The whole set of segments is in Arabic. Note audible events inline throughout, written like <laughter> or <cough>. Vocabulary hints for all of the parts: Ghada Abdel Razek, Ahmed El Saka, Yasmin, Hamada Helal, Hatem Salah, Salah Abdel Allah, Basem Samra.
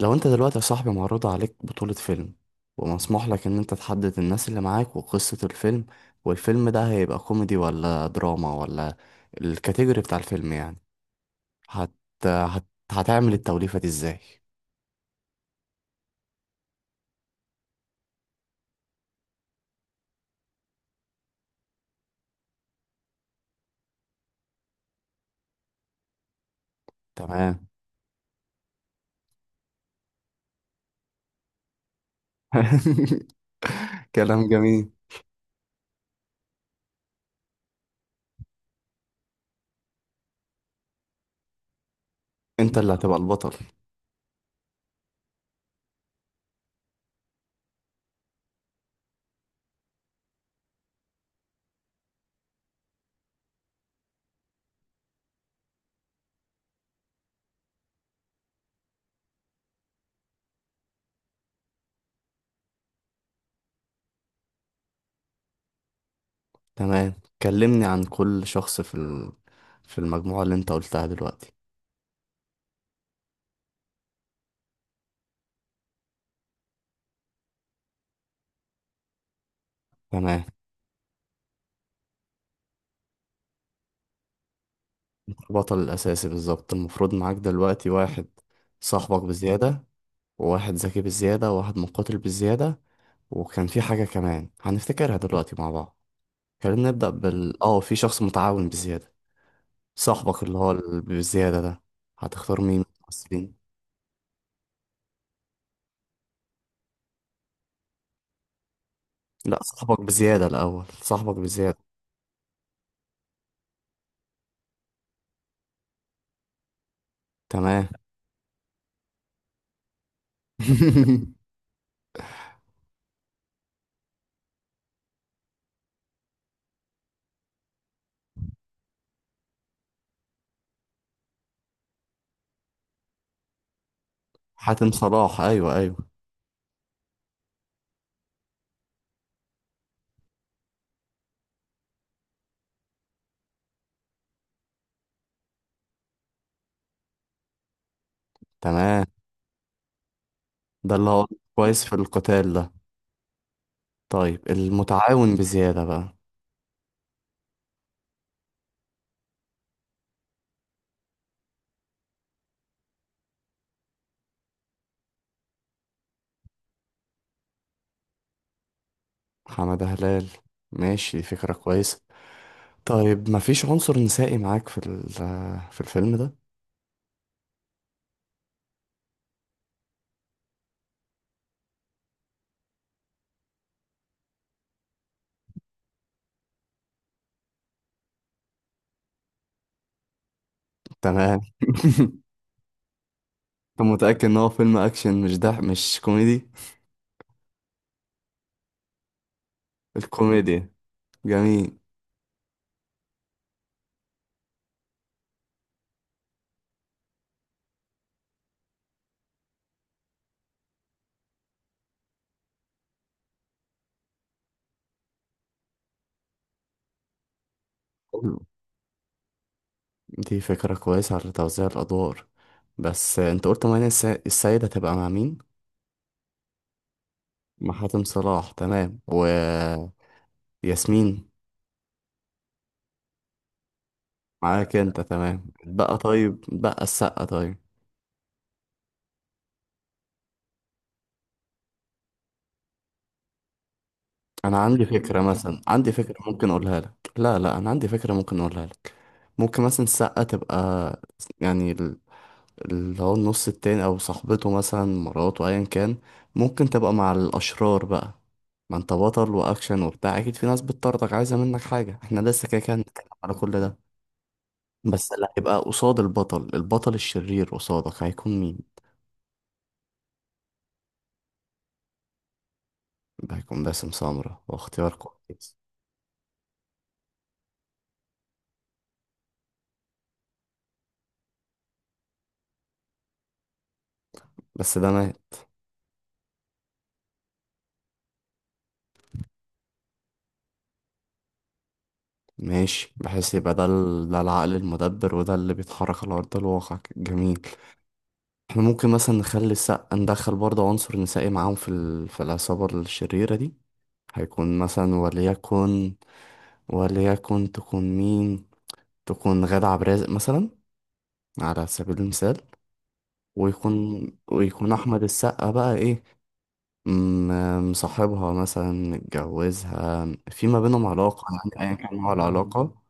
لو انت دلوقتي يا صاحبي معروض عليك بطولة فيلم، ومسموح لك ان انت تحدد الناس اللي معاك وقصة الفيلم، والفيلم ده هيبقى كوميدي ولا دراما ولا الكاتيجوري بتاع الفيلم يعني هت... هت... هتعمل التوليفة دي ازاي؟ تمام. <laughs> كلام جميل. انت اللي هتبقى البطل. تمام، كلمني عن كل شخص في في المجموعة اللي انت قلتها دلوقتي. تمام، البطل الأساسي بالظبط المفروض معاك دلوقتي واحد صاحبك بزيادة، وواحد ذكي بالزيادة، وواحد مقاتل بالزيادة، وكان في حاجة كمان هنفتكرها دلوقتي مع بعض. خلينا نبدأ بال في شخص متعاون بالزيادة. صاحبك اللي هو بالزيادة ده هتختار مين من الممثلين؟ لا، صاحبك بزيادة الأول، صاحبك بزيادة. تمام. <laughs> حاتم صلاح، أيوه أيوه. تمام، ده اللي هو كويس في القتال ده. طيب، المتعاون بزيادة بقى. حمادة هلال، ماشي، فكرة كويسة. طيب مفيش عنصر نسائي معاك في في الفيلم ده؟ تمام. <laughs> أنت متأكد إن هو فيلم أكشن مش ده مش كوميدي؟ الكوميديا، جميل. حلو. دي فكرة كويسة على توزيع الأدوار. بس أنت قلت مانيا السيدة هتبقى مع مين؟ مع حاتم صلاح، تمام، و ياسمين؟ معاك أنت، تمام. بقى طيب، بقى السقا طيب. أنا عندي فكرة، مثلا عندي فكرة ممكن أقولها لك، لا لا، أنا عندي فكرة ممكن أقولها لك. ممكن مثلا السقا تبقى، يعني اللي هو النص التاني او صاحبته مثلا، مراته ايا كان، ممكن تبقى مع الاشرار بقى. ما انت بطل واكشن وبتاع، اكيد في ناس بتطردك عايزه منك حاجه، احنا لسه كده كده هنتكلم على كل ده. بس اللي هيبقى قصاد البطل، البطل الشرير قصادك، هيكون مين؟ ده هيكون باسم سمرة، واختيار كويس. بس ده مات. ماشي، بحيث يبقى ده، ده العقل المدبر وده اللي بيتحرك على أرض الواقع. جميل. احنا ممكن مثلا نخلي السقا، ندخل برضه عنصر نسائي معاهم في في العصابة الشريرة دي. هيكون مثلا وليكن، وليكن تكون مين؟ تكون غادة عبد الرازق مثلا، على سبيل المثال. ويكون، ويكون أحمد السقا بقى إيه، مصاحبها مثلا، متجوزها، في ما بينهم علاقة، يعني أيا كان نوع العلاقة.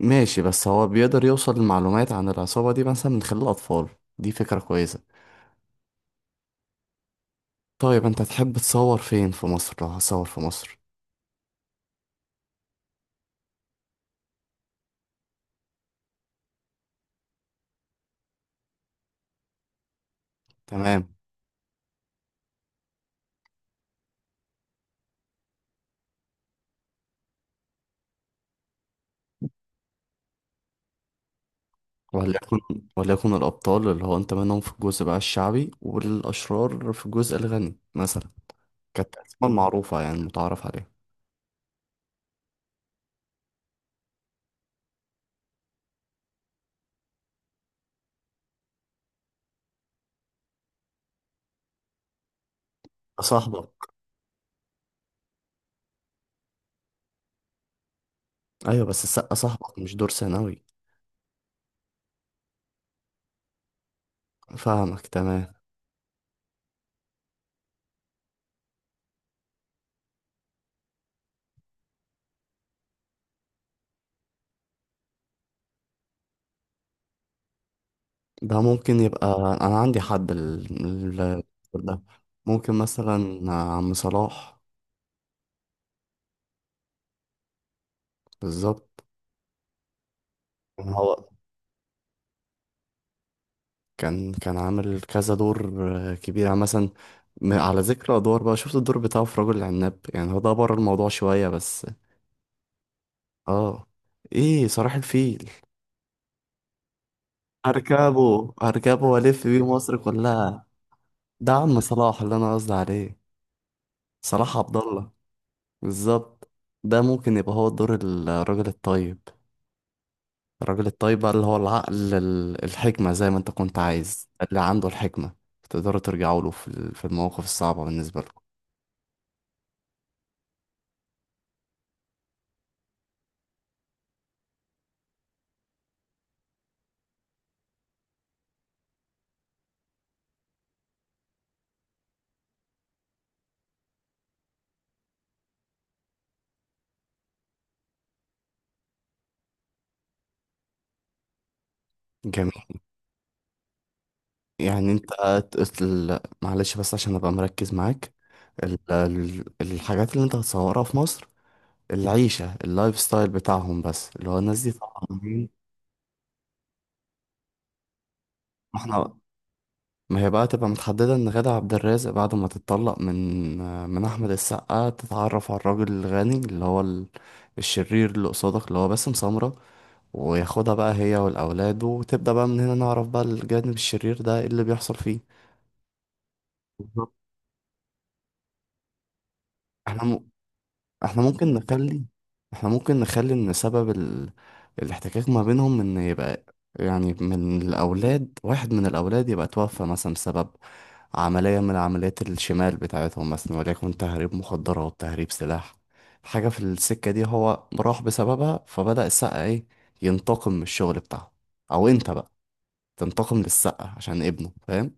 ماشي، بس هو بيقدر يوصل لمعلومات عن العصابة دي مثلا من خلال الأطفال. دي فكرة كويسة. طيب أنت تحب تصور فين في مصر لو هتصور في مصر؟ تمام. وليكن، وليكن الأبطال اللي هو أنت منهم في الجزء بقى الشعبي، والأشرار في الجزء الغني مثلا. كانت الأسماء المعروفة، يعني المتعارف عليها. صاحبك. أيوه بس السقا صاحبك مش دور ثانوي. فاهمك، تمام. ده ممكن يبقى، أنا عندي حد ده ممكن مثلا عم صلاح. بالظبط. إن هو كان كان عامل كذا دور، آه، كبير، يعني مثلا، على ذكر أدوار بقى، شفت الدور بتاعه في رجل العناب؟ يعني هو ده بره الموضوع شوية بس. اه، ايه صلاح الفيل. اركبه اركبه والف بيه مصر كلها. ده عم صلاح اللي انا قصدي عليه، صلاح عبد الله. بالظبط. ده ممكن يبقى هو دور الراجل الطيب. الراجل الطيب بقى اللي هو العقل الحكمة، زي ما انت كنت عايز، اللي عنده الحكمة تقدروا ترجعوا له في في المواقف الصعبة بالنسبة لكم. جميل. يعني انت قلت معلش بس عشان ابقى مركز معاك، الحاجات اللي انت هتصورها في مصر، العيشة، اللايف ستايل بتاعهم، بس اللي هو الناس دي طبعا مين؟ ما احنا، ما هي بقى تبقى متحددة ان غادة عبد الرازق بعد ما تتطلق من، من أحمد السقا، تتعرف على الراجل الغني اللي هو الشرير اللي قصادك اللي هو باسم سمرة، وياخدها بقى هي والأولاد، وتبدأ بقى من هنا نعرف بقى الجانب الشرير ده ايه اللي بيحصل فيه. بالظبط. احنا م... احنا ممكن نخلي، احنا ممكن نخلي ان سبب الاحتكاك ما بينهم ان يبقى، يعني من الاولاد واحد من الاولاد يبقى توفى مثلا بسبب عملية من عمليات الشمال بتاعتهم، مثلا وليكن تهريب مخدرات، تهريب سلاح، حاجة في السكة دي هو راح بسببها، فبدأ السقا ايه، ينتقم من الشغل بتاعه، او انت بقى تنتقم للسقا عشان ابنه، فاهم؟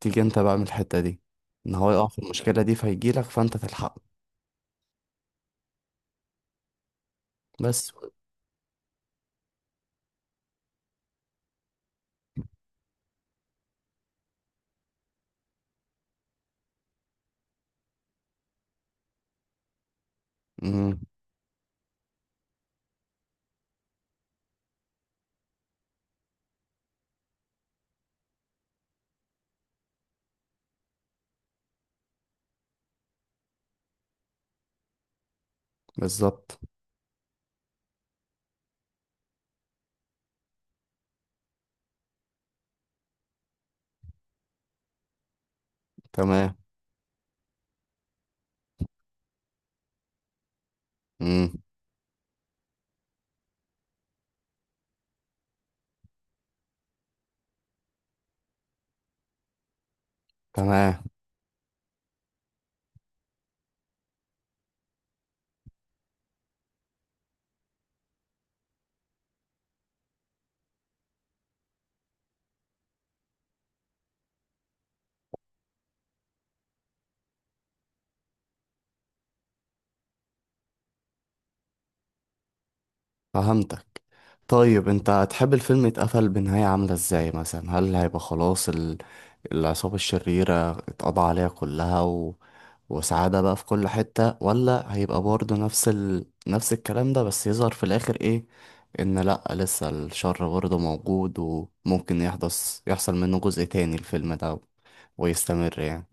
تيجي انت بقى من الحتة دي، ان هو يقع في المشكلة دي فيجيلك فانت تلحقه. بس. مم. بالظبط. تمام. امم تمام. فهمتك. طيب انت هتحب الفيلم يتقفل بنهاية عاملة ازاي؟ مثلا هل هيبقى خلاص العصابة الشريرة اتقضى عليها كلها وسعادة بقى في كل حتة، ولا هيبقى برضه نفس نفس الكلام ده بس يظهر في الآخر ايه، ان لأ لسه الشر برضه موجود وممكن يحدث يحصل منه جزء تاني الفيلم ده ويستمر يعني؟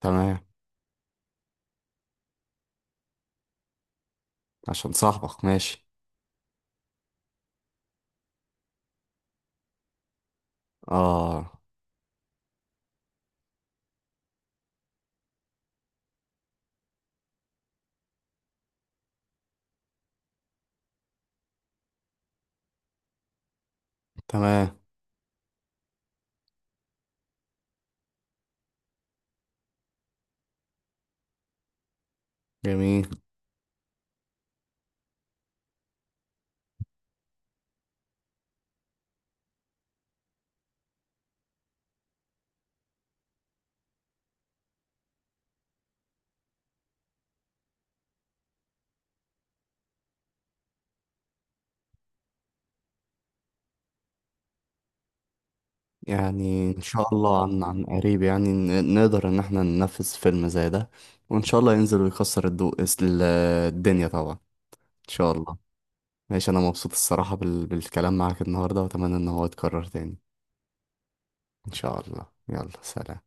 تمام، عشان صاحبك. ماشي. اه. تمام. جميل. يعني ان شاء الله عن عن قريب يعني نقدر ان احنا ننفذ فيلم زي ده. وان شاء الله ينزل ويكسر ال- الدنيا طبعا، ان شاء الله. ماشي، انا مبسوط الصراحة بالكلام معاك النهاردة، واتمنى ان هو يتكرر تاني. ان شاء الله، يلا سلام.